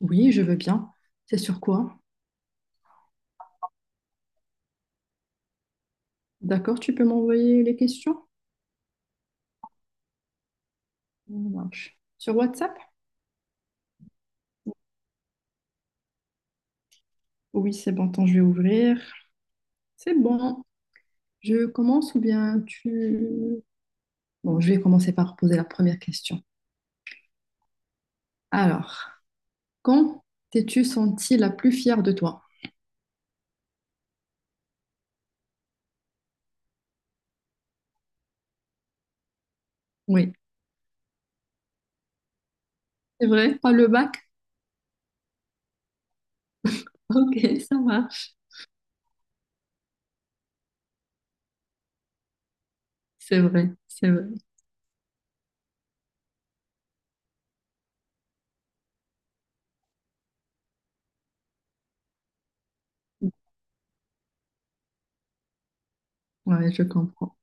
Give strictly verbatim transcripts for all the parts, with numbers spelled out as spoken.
Oui, je veux bien. C'est sur quoi? D'accord, tu peux m'envoyer les questions? Ça marche. Sur WhatsApp? Oui, c'est bon, attends, je vais ouvrir. C'est bon. Je commence ou bien tu... Bon, je vais commencer par poser la première question. Alors, quand t'es-tu sentie la plus fière de toi? Oui, c'est vrai, pas le bac? Ok, ça marche. C'est vrai, c'est vrai. Ouais, je comprends.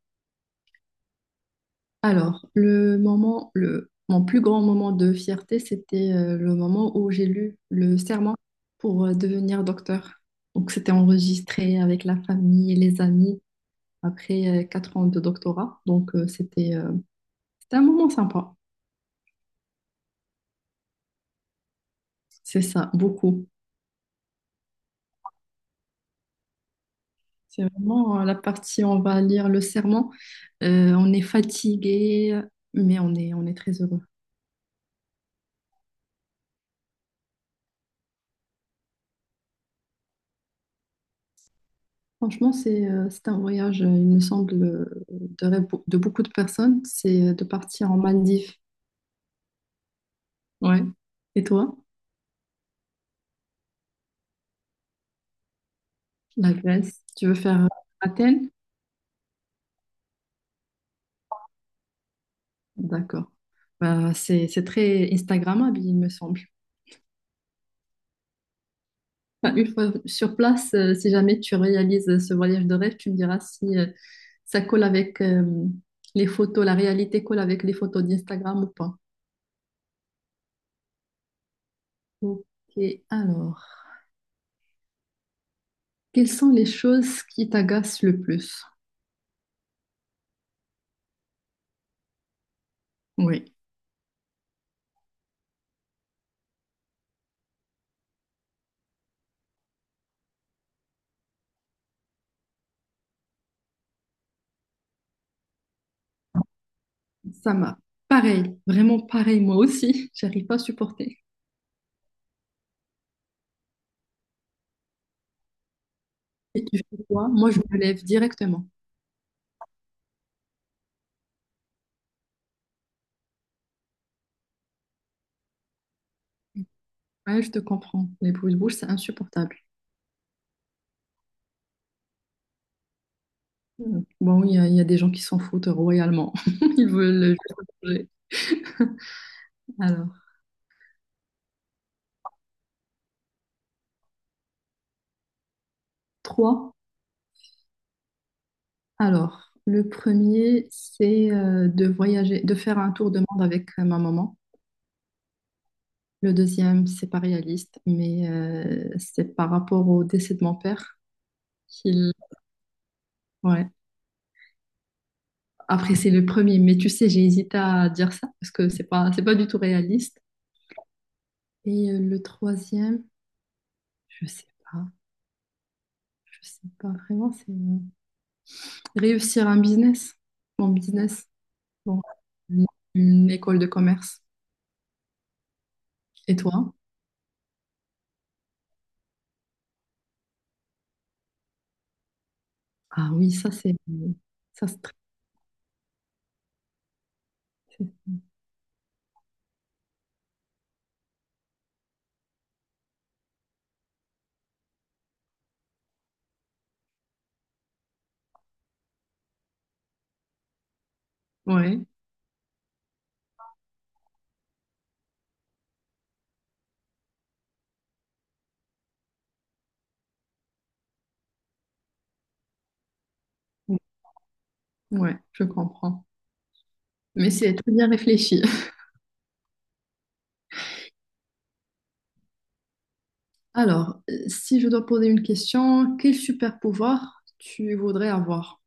Alors, le moment, le, mon plus grand moment de fierté, c'était euh, le moment où j'ai lu le serment pour euh, devenir docteur. Donc, c'était enregistré avec la famille et les amis après euh, quatre ans de doctorat. Donc, euh, c'était euh, c'était un moment sympa. C'est ça, beaucoup. C'est vraiment euh, la partie, on va lire le serment. Euh, on est fatigué, mais on est, on est très heureux. Franchement, c'est euh, c'est un voyage, euh, il me semble, euh, de rêve pour- de beaucoup de personnes, c'est euh, de partir en Maldives. Ouais. Et toi, la Grèce, tu veux faire euh, Athènes? D'accord. Bah, c'est c'est très Instagrammable, il me semble. Enfin, une fois sur place, euh, si jamais tu réalises euh, ce voyage de rêve, tu me diras si euh, ça colle avec euh, les photos, la réalité colle avec les photos d'Instagram ou pas. Ok, alors, quelles sont les choses qui t'agacent le plus? Oui. Ça m'a. Pareil, vraiment pareil, moi aussi, j'arrive pas à supporter. Et tu fais quoi? Moi, je me lève directement. Ouais, je te comprends. Les bruits de bouche, c'est insupportable. Mm. Bon, il y a, il y a des gens qui s'en foutent royalement. Ils veulent juste manger. Alors, trois. Alors, le premier, c'est euh, de voyager, de faire un tour de monde avec euh, ma maman. Le deuxième, c'est pas réaliste, mais euh, c'est par rapport au décès de mon père qu'il ouais. Après, c'est le premier, mais tu sais, j'ai hésité à dire ça parce que c'est pas, c'est pas du tout réaliste. Et euh, le troisième, je sais pas, je sais pas vraiment, c'est euh, réussir un business, mon business, bon, une, une école de commerce. Et toi? Ah oui, ça c'est, ça c'est très- c'est- ouais, ouais, je comprends. Mais c'est très bien réfléchi. Alors, euh, si je dois poser une question, quel super pouvoir tu voudrais avoir?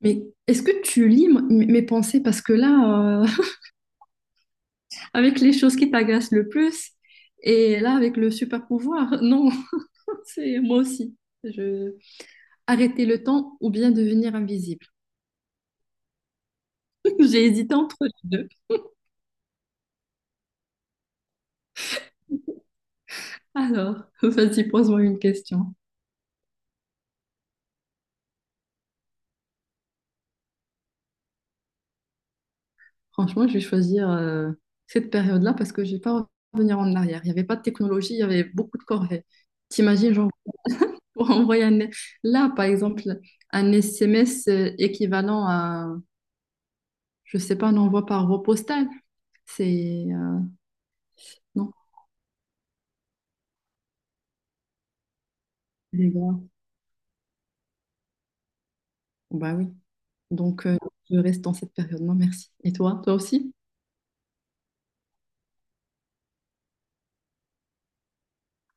Mais est-ce que tu lis m- mes pensées? Parce que là, euh, avec les choses qui t'agacent le plus, et là, avec le super pouvoir, non, c'est moi aussi. Je... Arrêter le temps ou bien devenir invisible. J'ai hésité entre les deux. Alors, vas-y, pose-moi une question. Franchement, je vais choisir euh, cette période-là parce que je ne vais pas revenir en arrière. Il n'y avait pas de technologie, il y avait beaucoup de corvées. T'imagines, genre, pour envoyer un... Là, par exemple, un S M S équivalent à je sais pas, n'envoie par voie postale. C'est euh, non, les gars. Bah oui. Donc euh, je reste dans cette période. Non, merci. Et toi, toi aussi?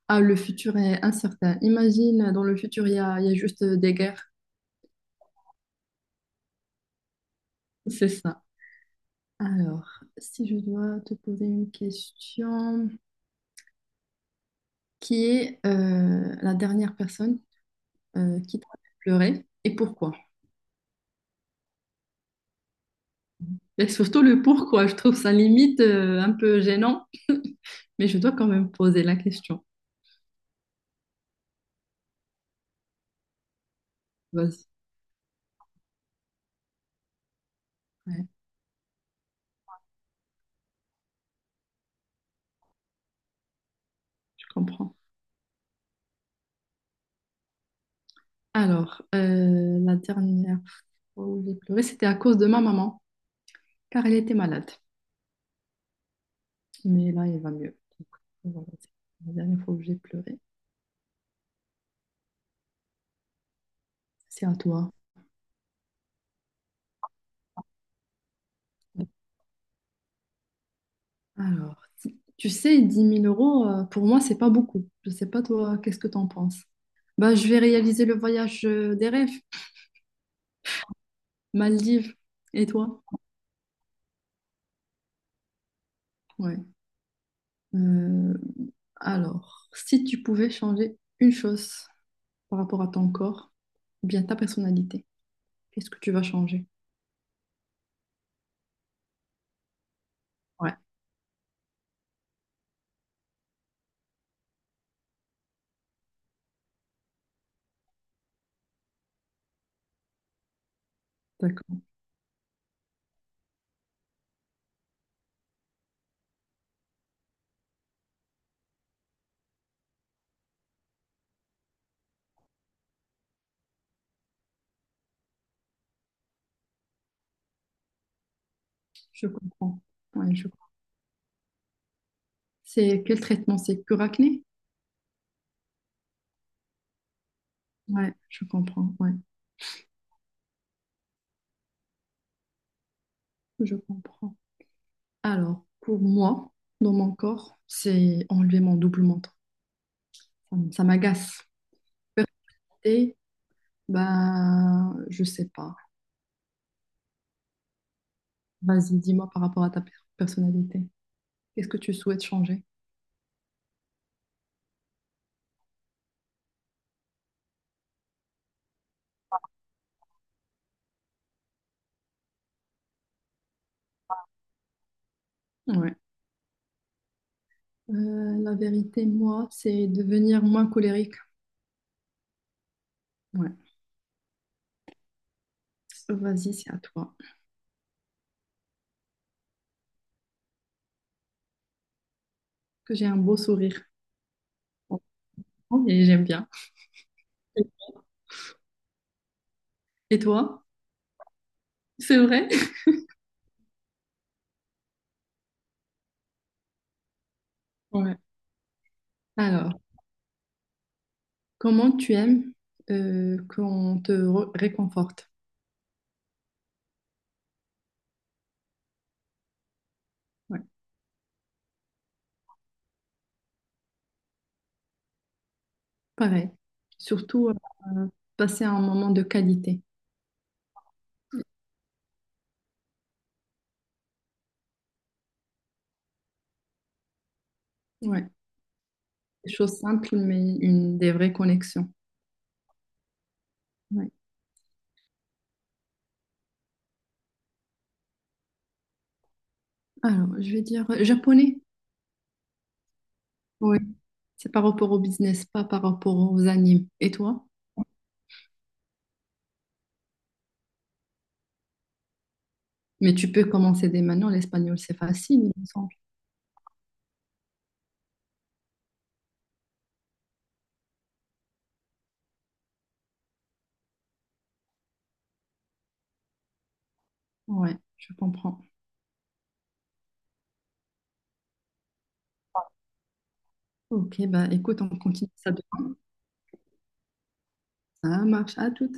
Ah, le futur est incertain. Imagine, dans le futur, il y a, il y a juste euh, des guerres. C'est ça. Alors, si je dois te poser une question, qui est euh, la dernière personne euh, qui t'a fait pleurer et pourquoi? Et surtout le pourquoi, je trouve ça limite euh, un peu gênant, mais je dois quand même poser la question. Vas-y, ouais, je comprends. Alors, euh, la dernière fois où j'ai pleuré, c'était à cause de ma maman, car elle était malade. Mais là, elle va mieux. Donc, voilà, c'est la dernière fois où j'ai pleuré. C'est à toi. Alors, si- tu sais, dix mille euros, euh, pour moi, c'est pas beaucoup. Je sais pas, toi, qu'est-ce que t'en penses? Bah, je vais réaliser le voyage euh, des rêves, Maldives. Et toi? Ouais. Euh, alors, si tu pouvais changer une chose par rapport à ton corps, ou bien ta personnalité, qu'est-ce que tu vas changer? Ouais, d'accord. Je comprends. Ouais, je comprends. C'est quel traitement? C'est cure acné? Ouais, je comprends. Ouais, je comprends. Alors, pour moi, dans mon corps, c'est enlever mon double menton. Ça, m- ça m'agace. Et bah, je sais pas. Vas-y, dis-moi par rapport à ta per- personnalité. Qu'est-ce que tu souhaites changer? Ouais. Euh, la vérité, moi, c'est devenir moins colérique. Ouais. Vas-y, c'est à toi. Que j'ai un beau sourire. Et j'aime bien. Et toi? C'est vrai? Ouais. Alors, comment tu aimes euh, qu'on te re- réconforte? Ouais, pareil. Surtout euh, passer un moment de qualité. Ouais, des choses simples, mais une des vraies connexions. Ouais. Alors, je vais dire euh, japonais. Oui, c'est par rapport au business, pas par rapport aux animes. Et toi? Mais tu peux commencer dès maintenant. L'espagnol, c'est facile, il me semble. Ouais, je comprends. Ok, bah écoute, on continue ça demain. Ça marche. À tout.